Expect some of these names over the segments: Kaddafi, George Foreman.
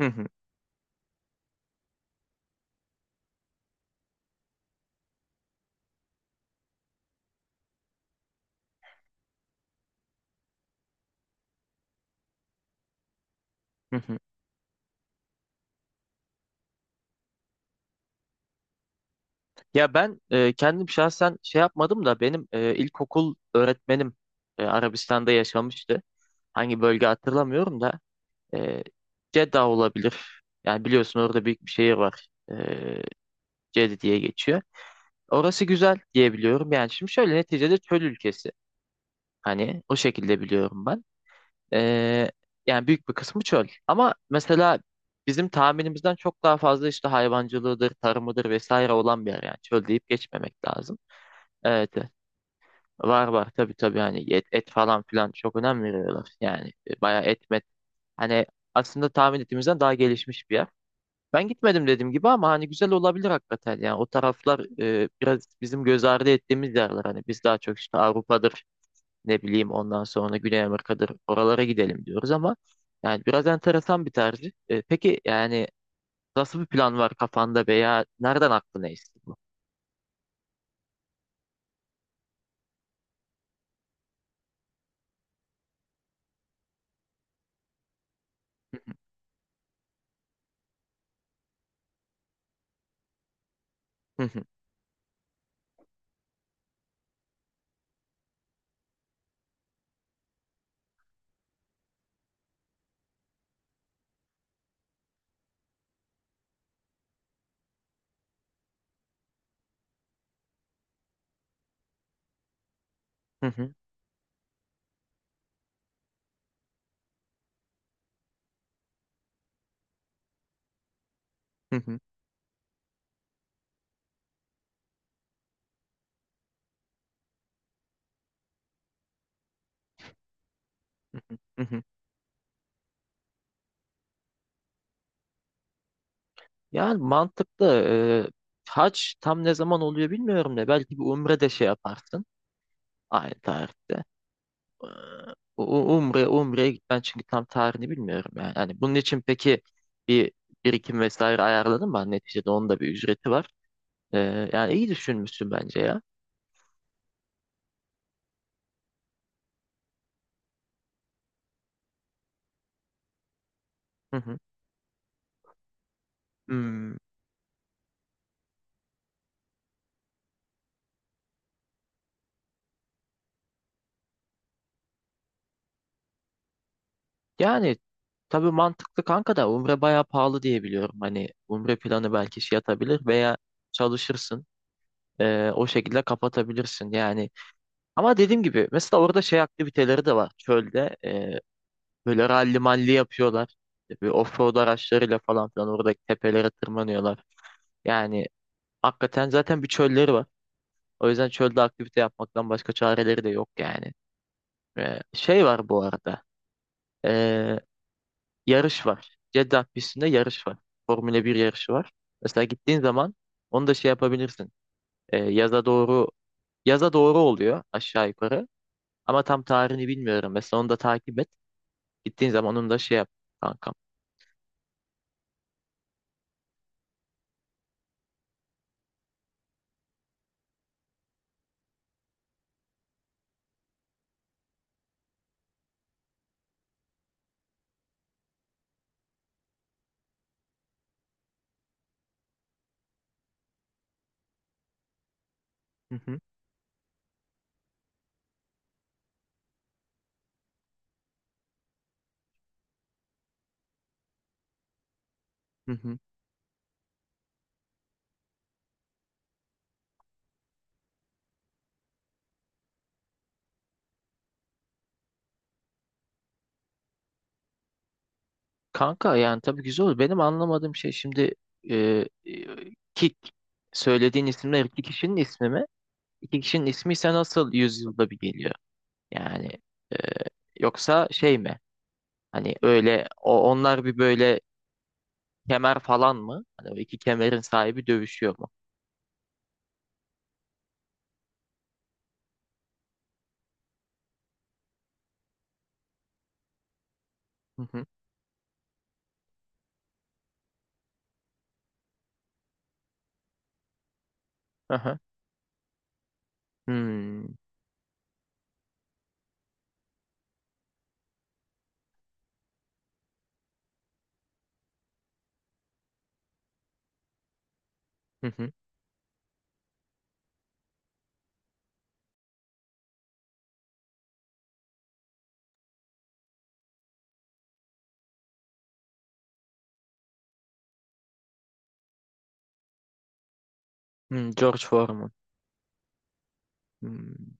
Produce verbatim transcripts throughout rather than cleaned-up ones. Hı hı, hı hı. Ya ben e, kendim şahsen şey yapmadım da benim e, ilkokul öğretmenim e, Arabistan'da yaşamıştı. Hangi bölge hatırlamıyorum da e, Jeddah olabilir. Yani biliyorsun orada büyük bir şehir var. E, Cedi diye geçiyor. Orası güzel diye biliyorum. Yani şimdi şöyle neticede çöl ülkesi. Hani o şekilde biliyorum ben. Ee, yani büyük bir kısmı çöl. Ama mesela bizim tahminimizden çok daha fazla işte hayvancılığıdır, tarımıdır vesaire olan bir yer yani. Çöl deyip geçmemek lazım. Evet, evet. Var var, tabii tabii, hani et, et falan filan çok önem veriyorlar. Yani e, bayağı et met. Hani aslında tahmin ettiğimizden daha gelişmiş bir yer. Ben gitmedim dediğim gibi ama hani güzel olabilir hakikaten. Yani o taraflar e, biraz bizim göz ardı ettiğimiz yerler. Hani biz daha çok işte Avrupa'dır, ne bileyim ondan sonra Güney Amerika'dır oralara gidelim diyoruz ama yani biraz enteresan bir tercih. E, peki yani nasıl bir plan var kafanda veya nereden aklına esti bu? Hı hı, hı hı, hı hı, hı hı, hı hı. Yani mantıklı. E, hac tam ne zaman oluyor bilmiyorum da belki bir umre de şey yaparsın aynı tarihte. E, U- u- Umre, umreye gitmen çünkü tam tarihini bilmiyorum yani. Hani bunun için peki bir birikim vesaire ayarladın mı? Hani neticede onun da bir ücreti var. Ee, yani iyi düşünmüşsün bence ya. Hı hı. Hmm. Yani tabii mantıklı kanka da Umre bayağı pahalı diye biliyorum. Hani Umre planı belki şey yatabilir veya çalışırsın. Ee, o şekilde kapatabilirsin yani. Ama dediğim gibi mesela orada şey aktiviteleri de var. Çölde ee, böyle ralli malli yapıyorlar. İşte bir offroad araçlarıyla falan filan oradaki tepelere tırmanıyorlar. Yani hakikaten zaten bir çölleri var. O yüzden çölde aktivite yapmaktan başka çareleri de yok yani. Ee, şey var bu arada. Ee, yarış var. Jeddah pistinde yarış var. Formula bir yarışı var. Mesela gittiğin zaman onu da şey yapabilirsin. Ee, yaza doğru yaza doğru oluyor aşağı yukarı. Ama tam tarihini bilmiyorum. Mesela onu da takip et. Gittiğin zaman onu da şey yap, kankam. Hı hı. Hı hı. Kanka yani tabii güzel olur. Benim anlamadığım şey şimdi, e, e, ki söylediğin isimler iki kişinin ismi mi? İki kişinin ismi ise nasıl yüzyılda bir geliyor? Yani e, yoksa şey mi? Hani öyle o, onlar bir böyle kemer falan mı? Hani o iki kemerin sahibi dövüşüyor mu? Hı hı. Aha. Hmm, hı hı. Hmm, George Foreman. Hmm,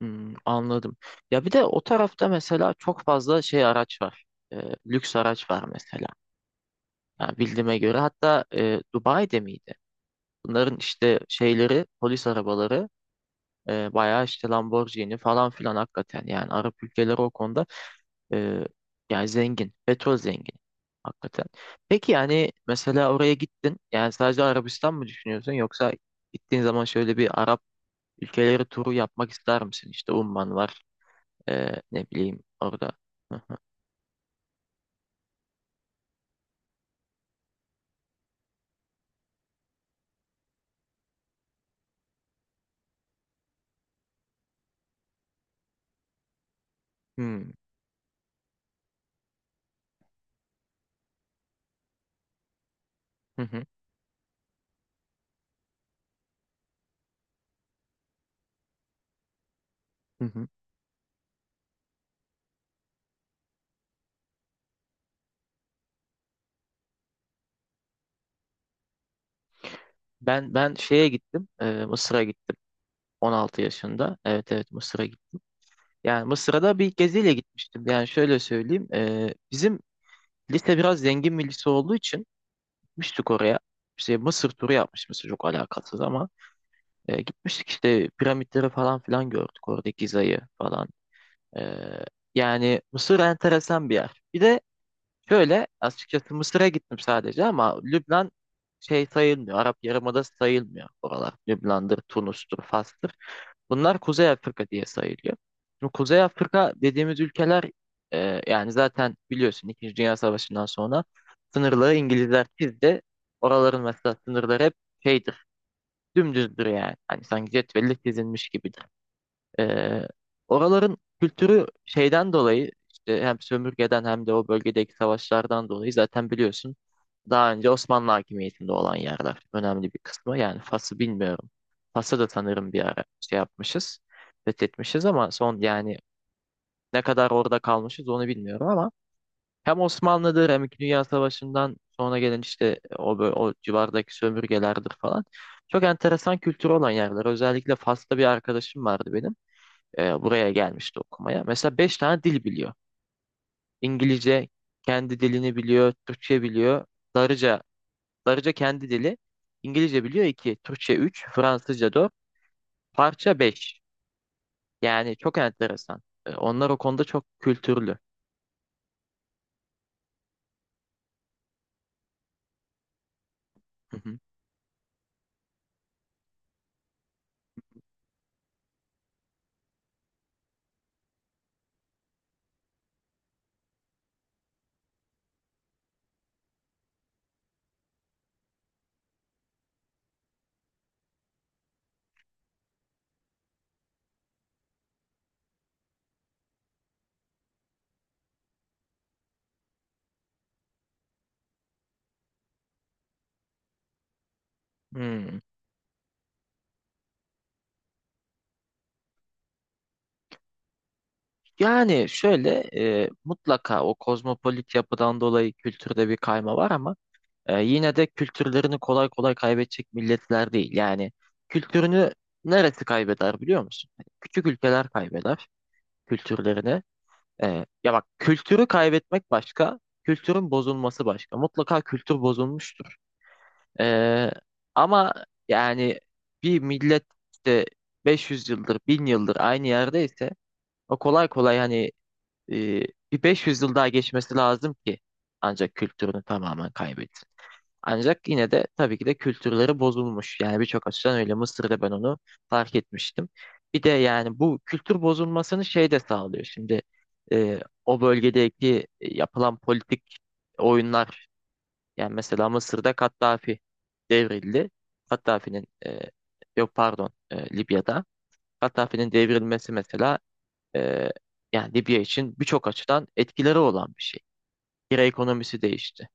hmm, anladım. Ya bir de o tarafta mesela çok fazla şey araç var. E, lüks araç var mesela. Yani bildiğime göre hatta e, Dubai'de miydi? Bunların işte şeyleri polis arabaları, e, bayağı işte Lamborghini falan filan hakikaten, yani Arap ülkeleri o konuda, e, yani zengin, petrol zengin, hakikaten. Peki yani mesela oraya gittin, yani sadece Arabistan mı düşünüyorsun yoksa gittiğin zaman şöyle bir Arap ülkeleri turu yapmak ister misin? İşte Umman var, e, ne bileyim orada. Hı hı. Hmm. Hı hı. Hı hı. Ben ben şeye gittim, e, Mısır'a gittim. on altı yaşında. Evet evet, Mısır'a gittim. Yani Mısır'a da bir geziyle gitmiştim. Yani şöyle söyleyeyim. e, bizim lise biraz zengin bir lise olduğu için gitmiştik oraya. İşte Mısır turu yapmış, çok alakasız ama e, gitmiştik işte piramitleri falan filan gördük. Orada Giza'yı falan. E, yani Mısır enteresan bir yer. Bir de şöyle açıkçası Mısır'a gittim sadece ama Lübnan şey sayılmıyor. Arap Yarımadası sayılmıyor oralar. Lübnan'dır, Tunus'tur, Fas'tır. Bunlar Kuzey Afrika diye sayılıyor. Şimdi Kuzey Afrika dediğimiz ülkeler, e, yani zaten biliyorsun İkinci Dünya Savaşı'ndan sonra sınırları İngilizler çizdi. Oraların mesela sınırları hep şeydir, dümdüzdür yani. Hani sanki cetvelle çizilmiş gibidir. Ee, oraların kültürü şeyden dolayı işte hem sömürgeden hem de o bölgedeki savaşlardan dolayı zaten biliyorsun daha önce Osmanlı hakimiyetinde olan yerler önemli bir kısmı. Yani Fas'ı bilmiyorum. Fas'ı da sanırım bir ara şey yapmışız, fethetmişiz ama son yani ne kadar orada kalmışız onu bilmiyorum ama hem Osmanlı'dır hem İkinci Dünya Savaşı'ndan sonra gelen işte o, bö- o civardaki sömürgelerdir falan. Çok enteresan kültürü olan yerler. Özellikle Fas'ta bir arkadaşım vardı benim, e, buraya gelmişti okumaya. Mesela beş tane dil biliyor. İngilizce, kendi dilini biliyor, Türkçe biliyor. Darıca, Darıca kendi dili. İngilizce biliyor iki, Türkçe üç, Fransızca dört, Parça beş. Yani çok enteresan. E, Onlar o konuda çok kültürlü. Hı hı. Hmm. Yani şöyle, e, mutlaka o kozmopolit yapıdan dolayı kültürde bir kayma var ama Ee, yine de kültürlerini kolay kolay kaybedecek milletler değil. Yani kültürünü neresi kaybeder biliyor musun? Hani küçük ülkeler kaybeder kültürlerini. Ee, ya bak, kültürü kaybetmek başka, kültürün bozulması başka. Mutlaka kültür bozulmuştur. Ee, ama yani bir millet işte beş yüz yıldır, bin yıldır aynı yerdeyse o kolay kolay hani, e, bir beş yüz yıl daha geçmesi lazım ki ancak kültürünü tamamen kaybet. Ancak yine de tabii ki de kültürleri bozulmuş. Yani birçok açıdan öyle, Mısır'da ben onu fark etmiştim. Bir de yani bu kültür bozulmasını şey de sağlıyor. Şimdi, e, o bölgedeki yapılan politik oyunlar, yani mesela Mısır'da Kaddafi devrildi. Kaddafi'nin, e, yok pardon, e, Libya'da Kaddafi'nin devrilmesi mesela, e, yani Libya için birçok açıdan etkileri olan bir şey. Lira ekonomisi değişti.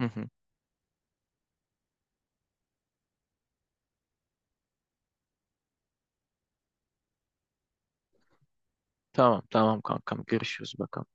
Hı hı. Tamam tamam kankam, görüşürüz bakalım.